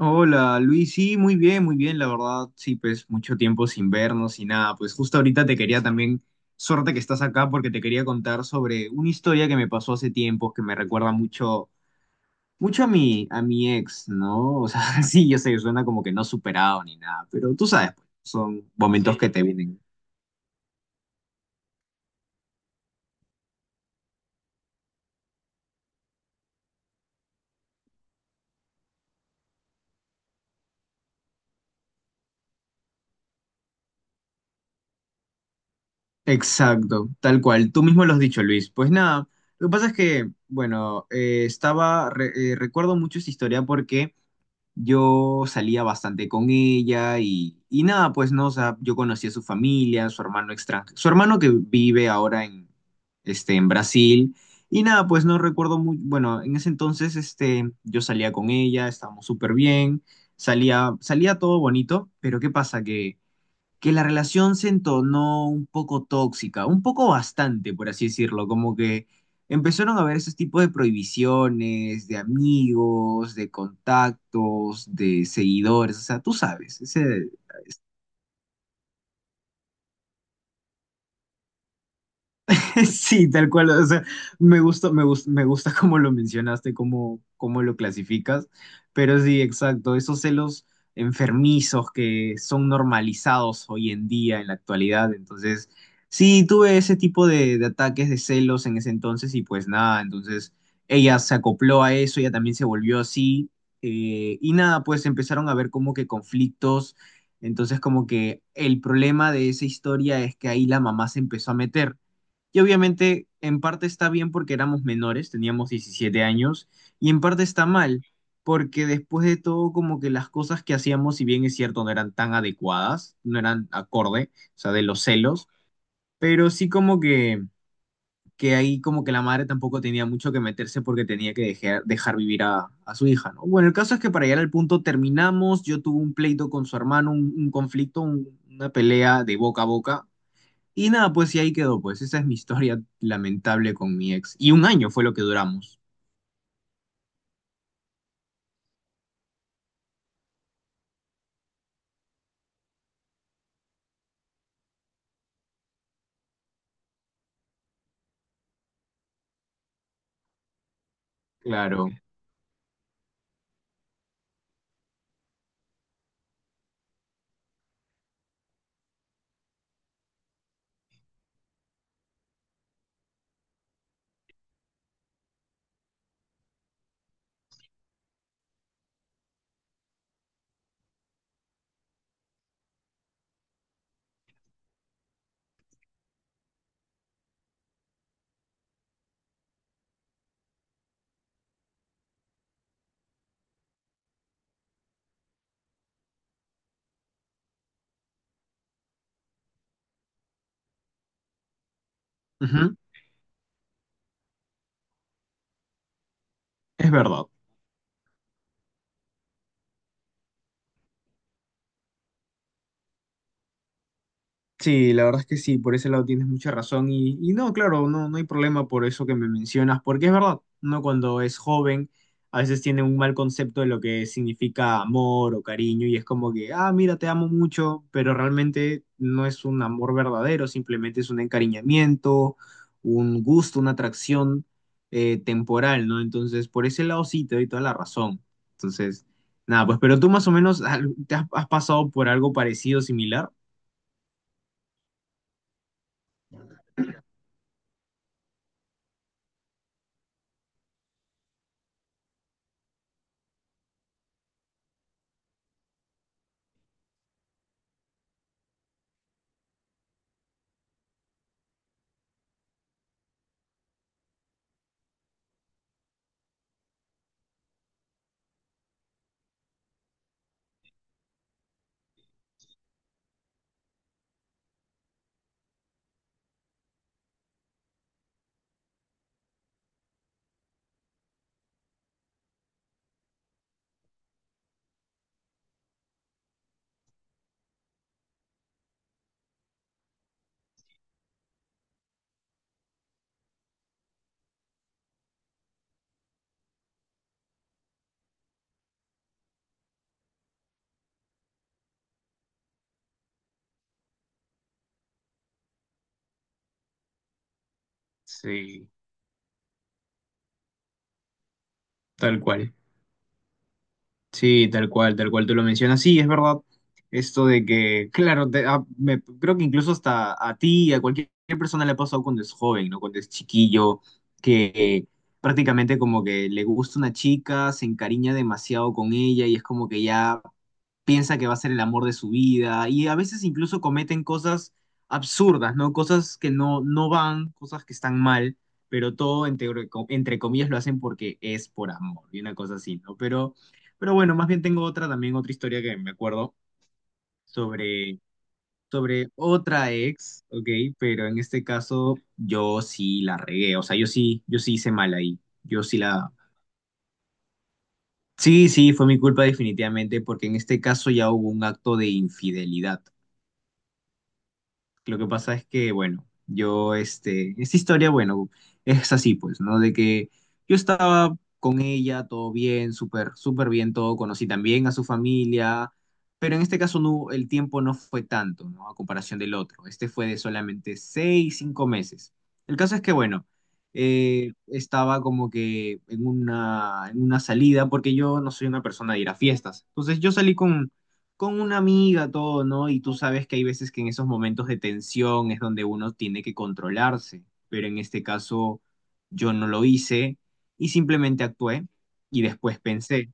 Hola Luis, sí, muy bien, la verdad, sí, pues mucho tiempo sin vernos. Y nada, pues justo ahorita te quería también, suerte que estás acá, porque te quería contar sobre una historia que me pasó hace tiempo que me recuerda mucho, mucho a mi ex, ¿no? O sea, sí, yo sé, suena como que no superado ni nada, pero tú sabes, pues, son momentos. Sí, que te vienen. Exacto, tal cual, tú mismo lo has dicho, Luis. Pues nada, lo que pasa es que, bueno, estaba, recuerdo mucho esta historia porque yo salía bastante con ella. Y, y nada, pues no, o sea, yo conocí a su familia, su hermano extranjero, su hermano que vive ahora en, este, en Brasil. Y nada, pues no recuerdo muy, bueno, en ese entonces, este, yo salía con ella, estábamos súper bien, salía, salía todo bonito. Pero ¿qué pasa? Que la relación se entonó un poco tóxica, un poco bastante, por así decirlo, como que empezaron a haber esos tipos de prohibiciones, de amigos, de contactos, de seguidores, o sea, tú sabes, ese... Sí, tal cual. O sea, me gusta, me gusta, me gusta cómo lo mencionaste, cómo, cómo lo clasificas. Pero sí, exacto. Esos celos enfermizos que son normalizados hoy en día, en la actualidad. Entonces, sí, tuve ese tipo de ataques de celos en ese entonces. Y pues nada, entonces ella se acopló a eso, ella también se volvió así. Y nada, pues empezaron a ver como que conflictos. Entonces, como que el problema de esa historia es que ahí la mamá se empezó a meter. Y obviamente en parte está bien porque éramos menores, teníamos 17 años, y en parte está mal porque después de todo como que las cosas que hacíamos, si bien es cierto, no eran tan adecuadas, no eran acorde, o sea, de los celos, pero sí como que ahí como que la madre tampoco tenía mucho que meterse, porque tenía que dejar, dejar vivir a su hija, ¿no? Bueno, el caso es que, para llegar al punto, terminamos, yo tuve un pleito con su hermano, un conflicto, una pelea de boca a boca. Y nada, pues y ahí quedó, pues esa es mi historia lamentable con mi ex. Y un año fue lo que duramos. Claro. Ujú. Es verdad. Sí, la verdad es que sí, por ese lado tienes mucha razón. Y, y no, claro, no, no hay problema por eso que me mencionas, porque es verdad, uno cuando es joven a veces tiene un mal concepto de lo que significa amor o cariño, y es como que, ah, mira, te amo mucho, pero realmente no es un amor verdadero, simplemente es un encariñamiento, un gusto, una atracción temporal, ¿no? Entonces, por ese lado sí, te doy toda la razón. Entonces, nada, pues, pero tú más o menos, ah, ¿te has pasado por algo parecido, similar? Sí. Tal cual. Sí, tal cual tú lo mencionas. Sí, es verdad. Esto de que, claro, creo que incluso hasta a ti, a cualquier persona le ha pasado cuando es joven, ¿no? Cuando es chiquillo, que prácticamente como que le gusta una chica, se encariña demasiado con ella y es como que ya piensa que va a ser el amor de su vida. Y a veces incluso cometen cosas absurdas, ¿no? Cosas que no, no van, cosas que están mal, pero todo entre comillas lo hacen porque es por amor y una cosa así, ¿no? Pero... pero bueno, más bien tengo otra también, otra historia que me acuerdo sobre, sobre otra ex, ¿ok? Pero en este caso yo sí la regué, o sea, yo sí, yo sí hice mal ahí, yo sí la... Sí, sí, fue mi culpa definitivamente, porque en este caso ya hubo un acto de infidelidad. Lo que pasa es que, bueno, yo, este, esta historia, bueno, es así, pues, ¿no? De que yo estaba con ella, todo bien, súper, súper bien todo, conocí también a su familia, pero en este caso no, el tiempo no fue tanto, ¿no? A comparación del otro. Este fue de solamente seis, cinco meses. El caso es que, bueno, estaba como que en una salida, porque yo no soy una persona de ir a fiestas. Entonces yo salí con una amiga, todo, ¿no? Y tú sabes que hay veces que en esos momentos de tensión es donde uno tiene que controlarse, pero en este caso yo no lo hice y simplemente actué y después pensé,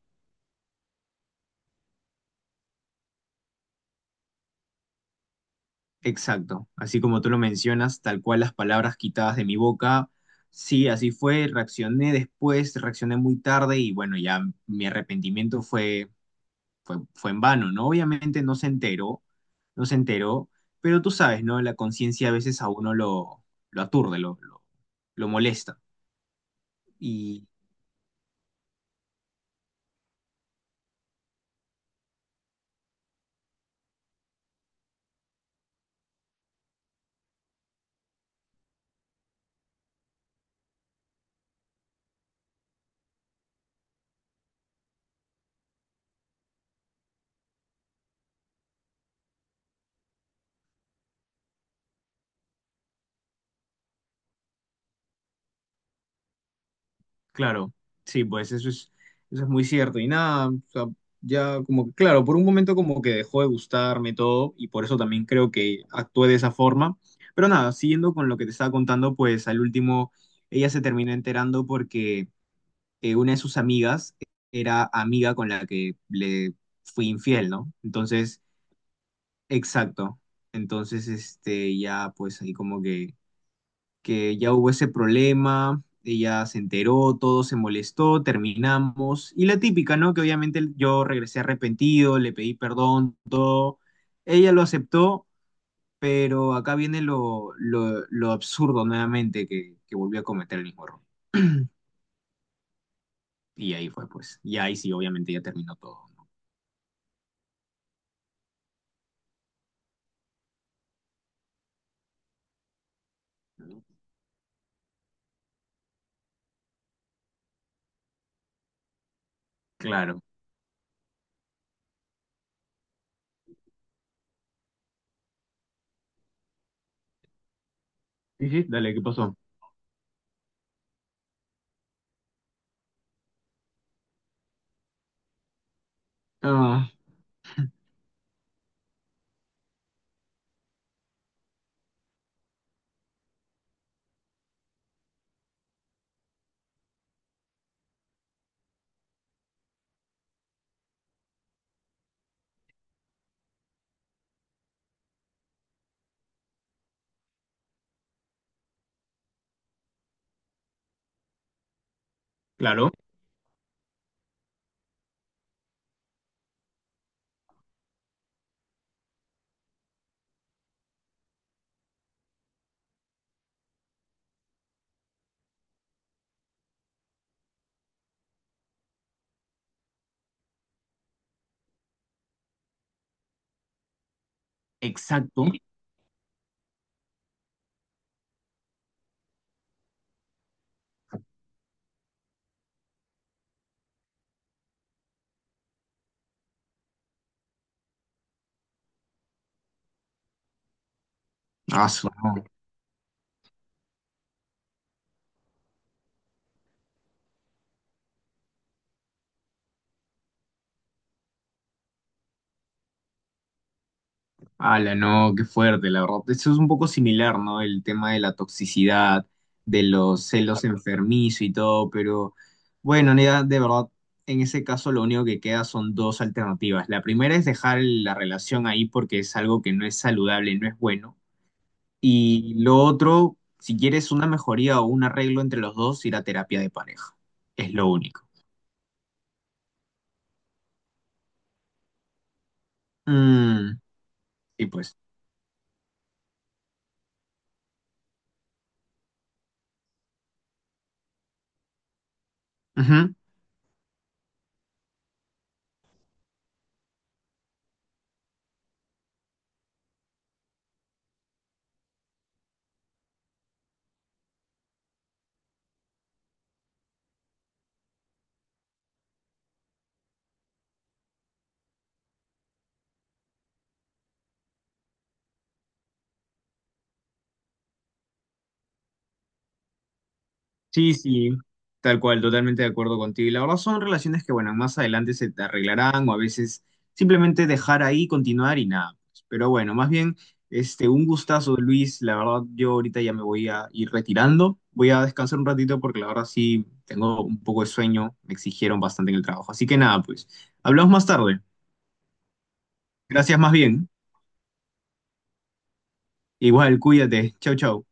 exacto, así como tú lo mencionas, tal cual las palabras quitadas de mi boca, sí, así fue, reaccioné después, reaccioné muy tarde, y bueno, ya mi arrepentimiento fue fue en vano, ¿no? Obviamente no se enteró, no se enteró, pero tú sabes, ¿no? La conciencia a veces a uno lo aturde, lo molesta. Y claro, sí, pues eso es muy cierto. Y nada, o sea, ya como que, claro, por un momento como que dejó de gustarme todo, y por eso también creo que actué de esa forma. Pero nada, siguiendo con lo que te estaba contando, pues al último ella se terminó enterando porque una de sus amigas era amiga con la que le fui infiel, ¿no? Entonces, exacto. Entonces, este, ya pues ahí como que ya hubo ese problema, ella se enteró, todo se molestó, terminamos. Y la típica, ¿no? Que obviamente yo regresé arrepentido, le pedí perdón, todo. Ella lo aceptó, pero acá viene lo absurdo nuevamente, que volvió a cometer el mismo error. Y ahí fue, pues. Y ahí sí, obviamente ya terminó todo, ¿no? Claro. Ah. Claro. Exacto. Ah, su- no. Ala, no, qué fuerte, la verdad. Eso es un poco similar, ¿no? El tema de la toxicidad, de los celos enfermizos y todo, pero bueno, ya, de verdad, en ese caso lo único que queda son dos alternativas. La primera es dejar la relación ahí porque es algo que no es saludable, no es bueno. Y lo otro, si quieres una mejoría o un arreglo entre los dos, ir a terapia de pareja. Es lo único. Mm, y pues. Sí, sí, tal cual, totalmente de acuerdo contigo. Y la verdad son relaciones que, bueno, más adelante se te arreglarán, o a veces simplemente dejar ahí, continuar y nada, pues. Pero bueno, más bien, este, un gustazo, Luis. La verdad, yo ahorita ya me voy a ir retirando. Voy a descansar un ratito porque la verdad sí tengo un poco de sueño. Me exigieron bastante en el trabajo. Así que nada, pues, hablamos más tarde. Gracias más bien. Igual, cuídate. Chau, chau.